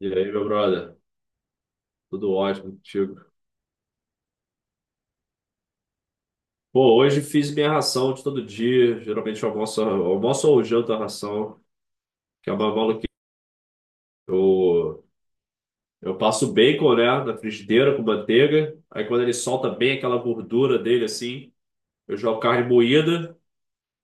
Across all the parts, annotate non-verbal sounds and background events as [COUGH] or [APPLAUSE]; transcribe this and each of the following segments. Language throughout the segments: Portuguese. E aí, meu brother? Tudo ótimo contigo. Pô, hoje fiz minha ração de todo dia. Geralmente eu almoço ou janto a ração, que é uma maluquice. Eu, eu passo bacon, né, na frigideira com manteiga. Aí quando ele solta bem aquela gordura dele, assim, eu jogo carne moída.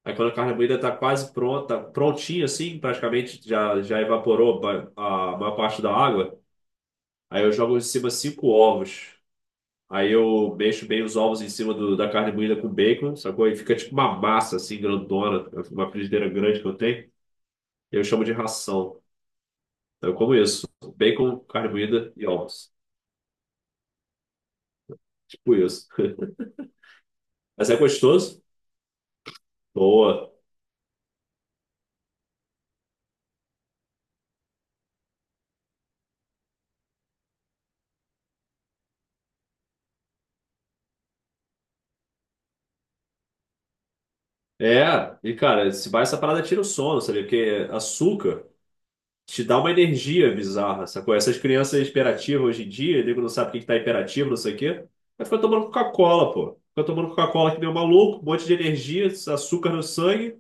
Aí quando a carne moída tá quase pronta, tá prontinha, assim, praticamente já evaporou a maior parte da água. Aí eu jogo em cima cinco ovos. Aí eu mexo bem os ovos em cima da carne moída com bacon, sacou? Aí fica tipo uma massa assim, grandona, uma frigideira grande que eu tenho. Eu chamo de ração. Então eu como isso. Bacon, carne moída e ovos. Tipo isso. Mas é gostoso? Boa. É, e cara, se vai essa parada tira o sono, sabe? Porque açúcar. Te dá uma energia bizarra, sacou? Essas crianças hiperativas hoje em dia, nego não sabe o que que tá hiperativo, não sei o quê. Mas fica tomando Coca-Cola, pô. Fica tomando Coca-Cola que nem um maluco, um monte de energia, açúcar no sangue,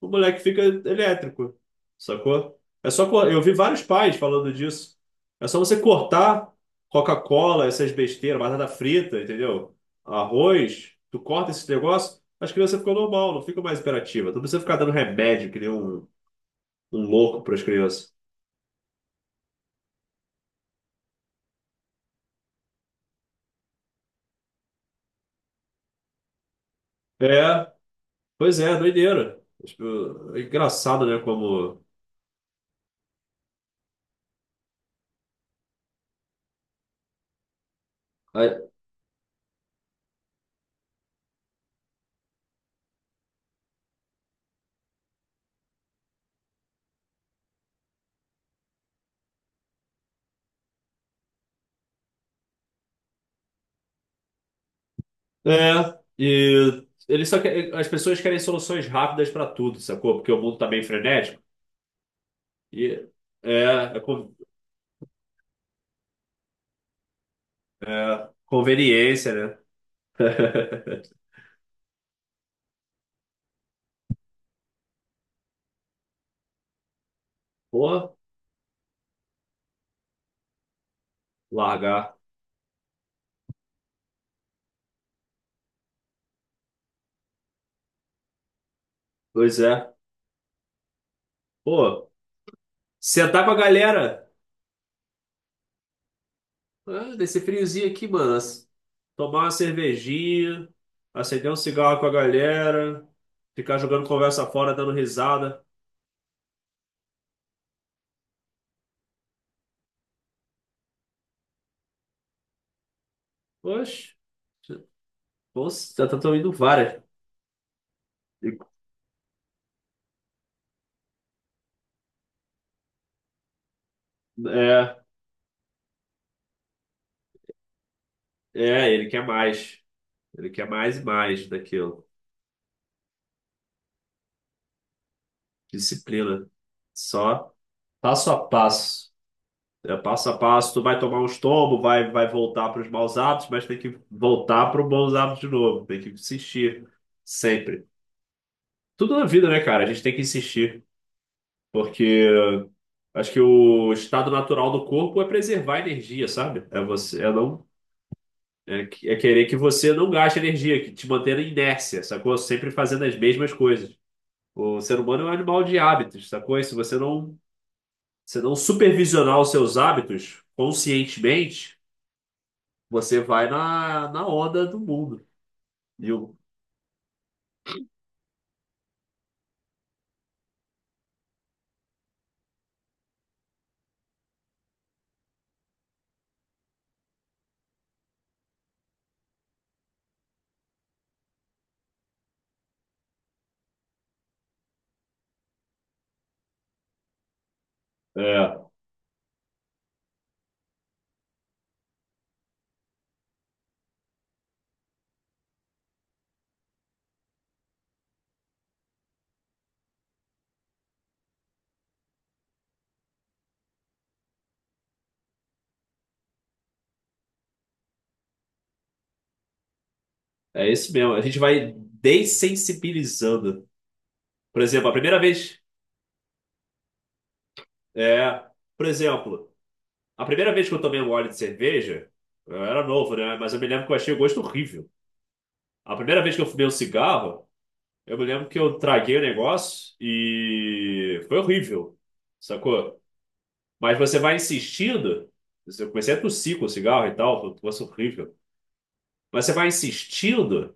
o moleque fica elétrico, sacou? É só, eu vi vários pais falando disso. É só você cortar Coca-Cola, essas besteiras, batata frita, entendeu? Arroz, tu corta esse negócio, as crianças ficam normal, não ficam mais hiperativas. Tu não precisa ficar dando remédio que nem um louco para as crianças. É, pois é, doideira. Tipo, é engraçado, né? Como. É, as pessoas querem soluções rápidas para tudo, sacou? Porque o mundo tá bem frenético. E é, é, con- é conveniência, né? [LAUGHS] Pô, largar. Pois é. Pô, sentar com a galera. Ah, nesse friozinho aqui, mano. Tomar uma cervejinha, acender um cigarro com a galera, ficar jogando conversa fora, dando risada. Poxa. Nossa, já tá indo várias. É, é, ele quer mais. Ele quer mais e mais daquilo. Disciplina. Só passo a passo. É passo a passo, tu vai tomar uns tombos, vai voltar para os maus hábitos, mas tem que voltar para os bons hábitos de novo. Tem que insistir. Sempre. Tudo na vida, né, cara? A gente tem que insistir. Porque acho que o estado natural do corpo é preservar a energia, sabe? É você, é não É, que- é querer que você não gaste energia, que te mantenha na inércia, sacou? Sempre fazendo as mesmas coisas. O ser humano é um animal de hábitos, sacou? E se não supervisionar os seus hábitos conscientemente, você vai na onda do mundo. Viu? É, é, isso mesmo. A gente vai dessensibilizando. Por exemplo, a primeira vez. É, por exemplo, a primeira vez que eu tomei um gole de cerveja, eu era novo, né? Mas eu me lembro que eu achei o gosto horrível. A primeira vez que eu fumei um cigarro, eu me lembro que eu traguei o negócio e foi horrível, sacou? Mas você vai insistindo. Eu comecei a tossir com o cigarro e tal, foi um negócio horrível. Mas você vai insistindo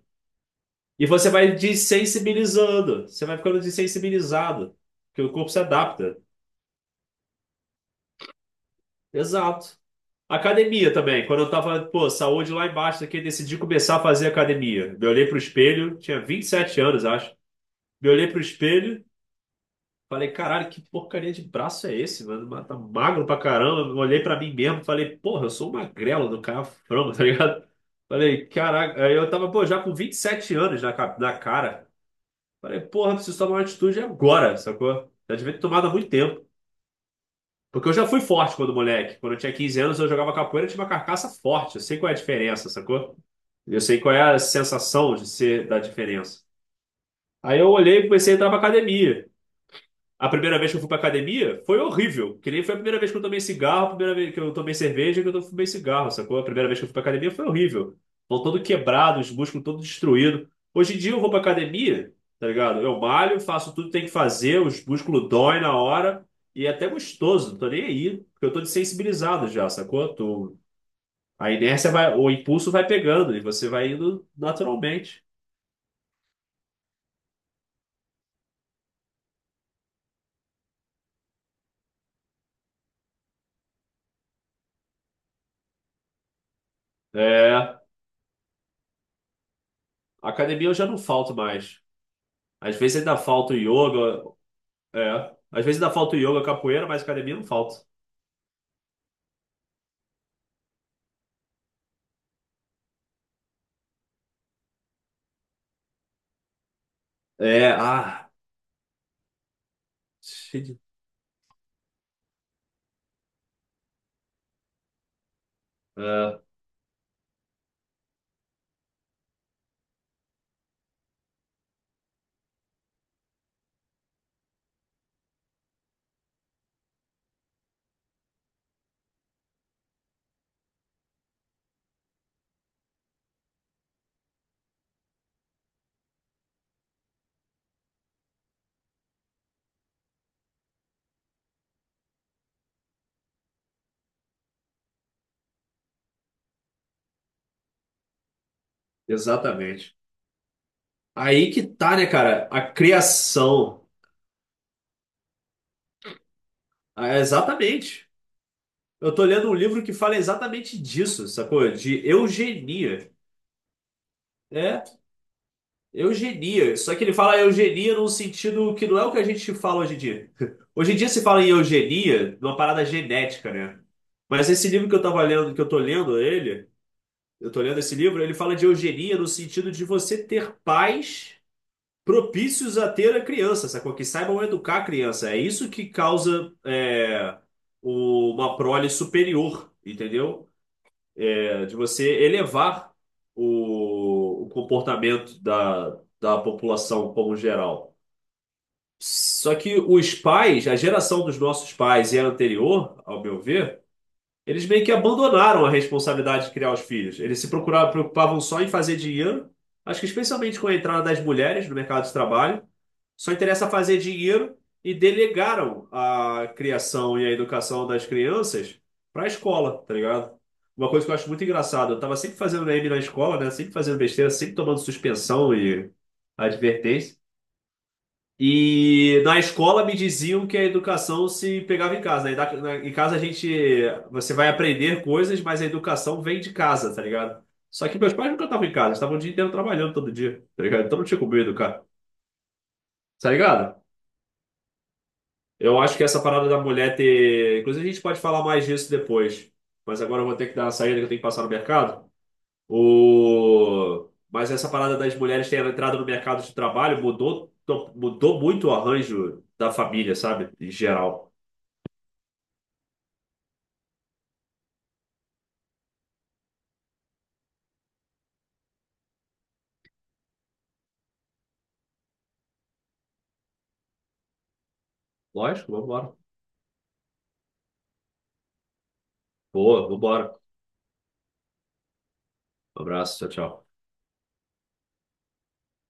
e você vai desensibilizando. Você vai ficando desensibilizado, porque o corpo se adapta. Exato. Academia também. Quando eu tava, pô, saúde lá embaixo daqui, eu decidi começar a fazer academia. Me olhei pro espelho, tinha 27 anos, acho. Me olhei pro espelho, falei, caralho, que porcaria de braço é esse, mano? Mas tá magro pra caramba. Eu olhei pra mim mesmo, falei, porra, eu sou um magrelo do cara frango, tá ligado? Falei, caraca, aí eu tava, pô, já com 27 anos na cara. Falei, porra, preciso tomar uma atitude agora, sacou? Já devia ter tomado há muito tempo. Porque eu já fui forte quando moleque. Quando eu tinha 15 anos, eu jogava capoeira, eu tinha uma carcaça forte. Eu sei qual é a diferença, sacou? Eu sei qual é a sensação de ser da diferença. Aí eu olhei e comecei a entrar pra academia. A primeira vez que eu fui pra academia foi horrível. Que nem foi a primeira vez que eu tomei cigarro, a primeira vez que eu tomei cerveja, que eu fumei cigarro, sacou? A primeira vez que eu fui pra academia foi horrível. Tô todo quebrado, os músculos todo destruído. Hoje em dia eu vou pra academia, tá ligado? Eu malho, faço tudo que tem que fazer, os músculos doem na hora e é até gostoso, não tô nem aí, porque eu tô desensibilizado já, sacou? Tô... A inércia vai, o impulso vai pegando e você vai indo naturalmente. É, academia eu já não falto mais. Às vezes ainda falta o yoga. É. Às vezes dá falta o yoga, capoeira, mas academia não falta. É, ah, cheio de- é, exatamente. Aí que tá, né, cara? A criação. Ah, exatamente. Eu tô lendo um livro que fala exatamente disso, sacou? De eugenia. É, eugenia. Só que ele fala eugenia num sentido que não é o que a gente fala hoje em dia. [LAUGHS] Hoje em dia se fala em eugenia numa parada genética, né? Mas esse livro que eu tava lendo, que eu tô lendo ele. Eu estou lendo esse livro, ele fala de eugenia no sentido de você ter pais propícios a ter a criança, sacou? Que saibam educar a criança. É isso que causa uma prole superior, entendeu? É, de você elevar o comportamento da população como geral. Só que os pais, a geração dos nossos pais e a anterior, ao meu ver, eles meio que abandonaram a responsabilidade de criar os filhos. Eles se preocupavam só em fazer dinheiro. Acho que especialmente com a entrada das mulheres no mercado de trabalho, só interessa fazer dinheiro e delegaram a criação e a educação das crianças para a escola, tá ligado? Uma coisa que eu acho muito engraçada, eu tava sempre fazendo meme na escola, né? Sempre fazendo besteira, sempre tomando suspensão e advertência. E na escola me diziam que a educação se pegava em casa, né? Em casa a gente, você vai aprender coisas, mas a educação vem de casa, tá ligado? Só que meus pais nunca estavam em casa, eles estavam o dia inteiro trabalhando todo dia, tá ligado? Então não tinha como eu educar, tá ligado? Eu acho que essa parada da mulher ter. Inclusive a gente pode falar mais disso depois, mas agora eu vou ter que dar uma saída que eu tenho que passar no mercado. Mas essa parada das mulheres terem entrado no mercado de trabalho mudou, muito o arranjo da família, sabe? Em geral. Lógico, vambora. Boa, vambora. Um abraço, tchau, tchau.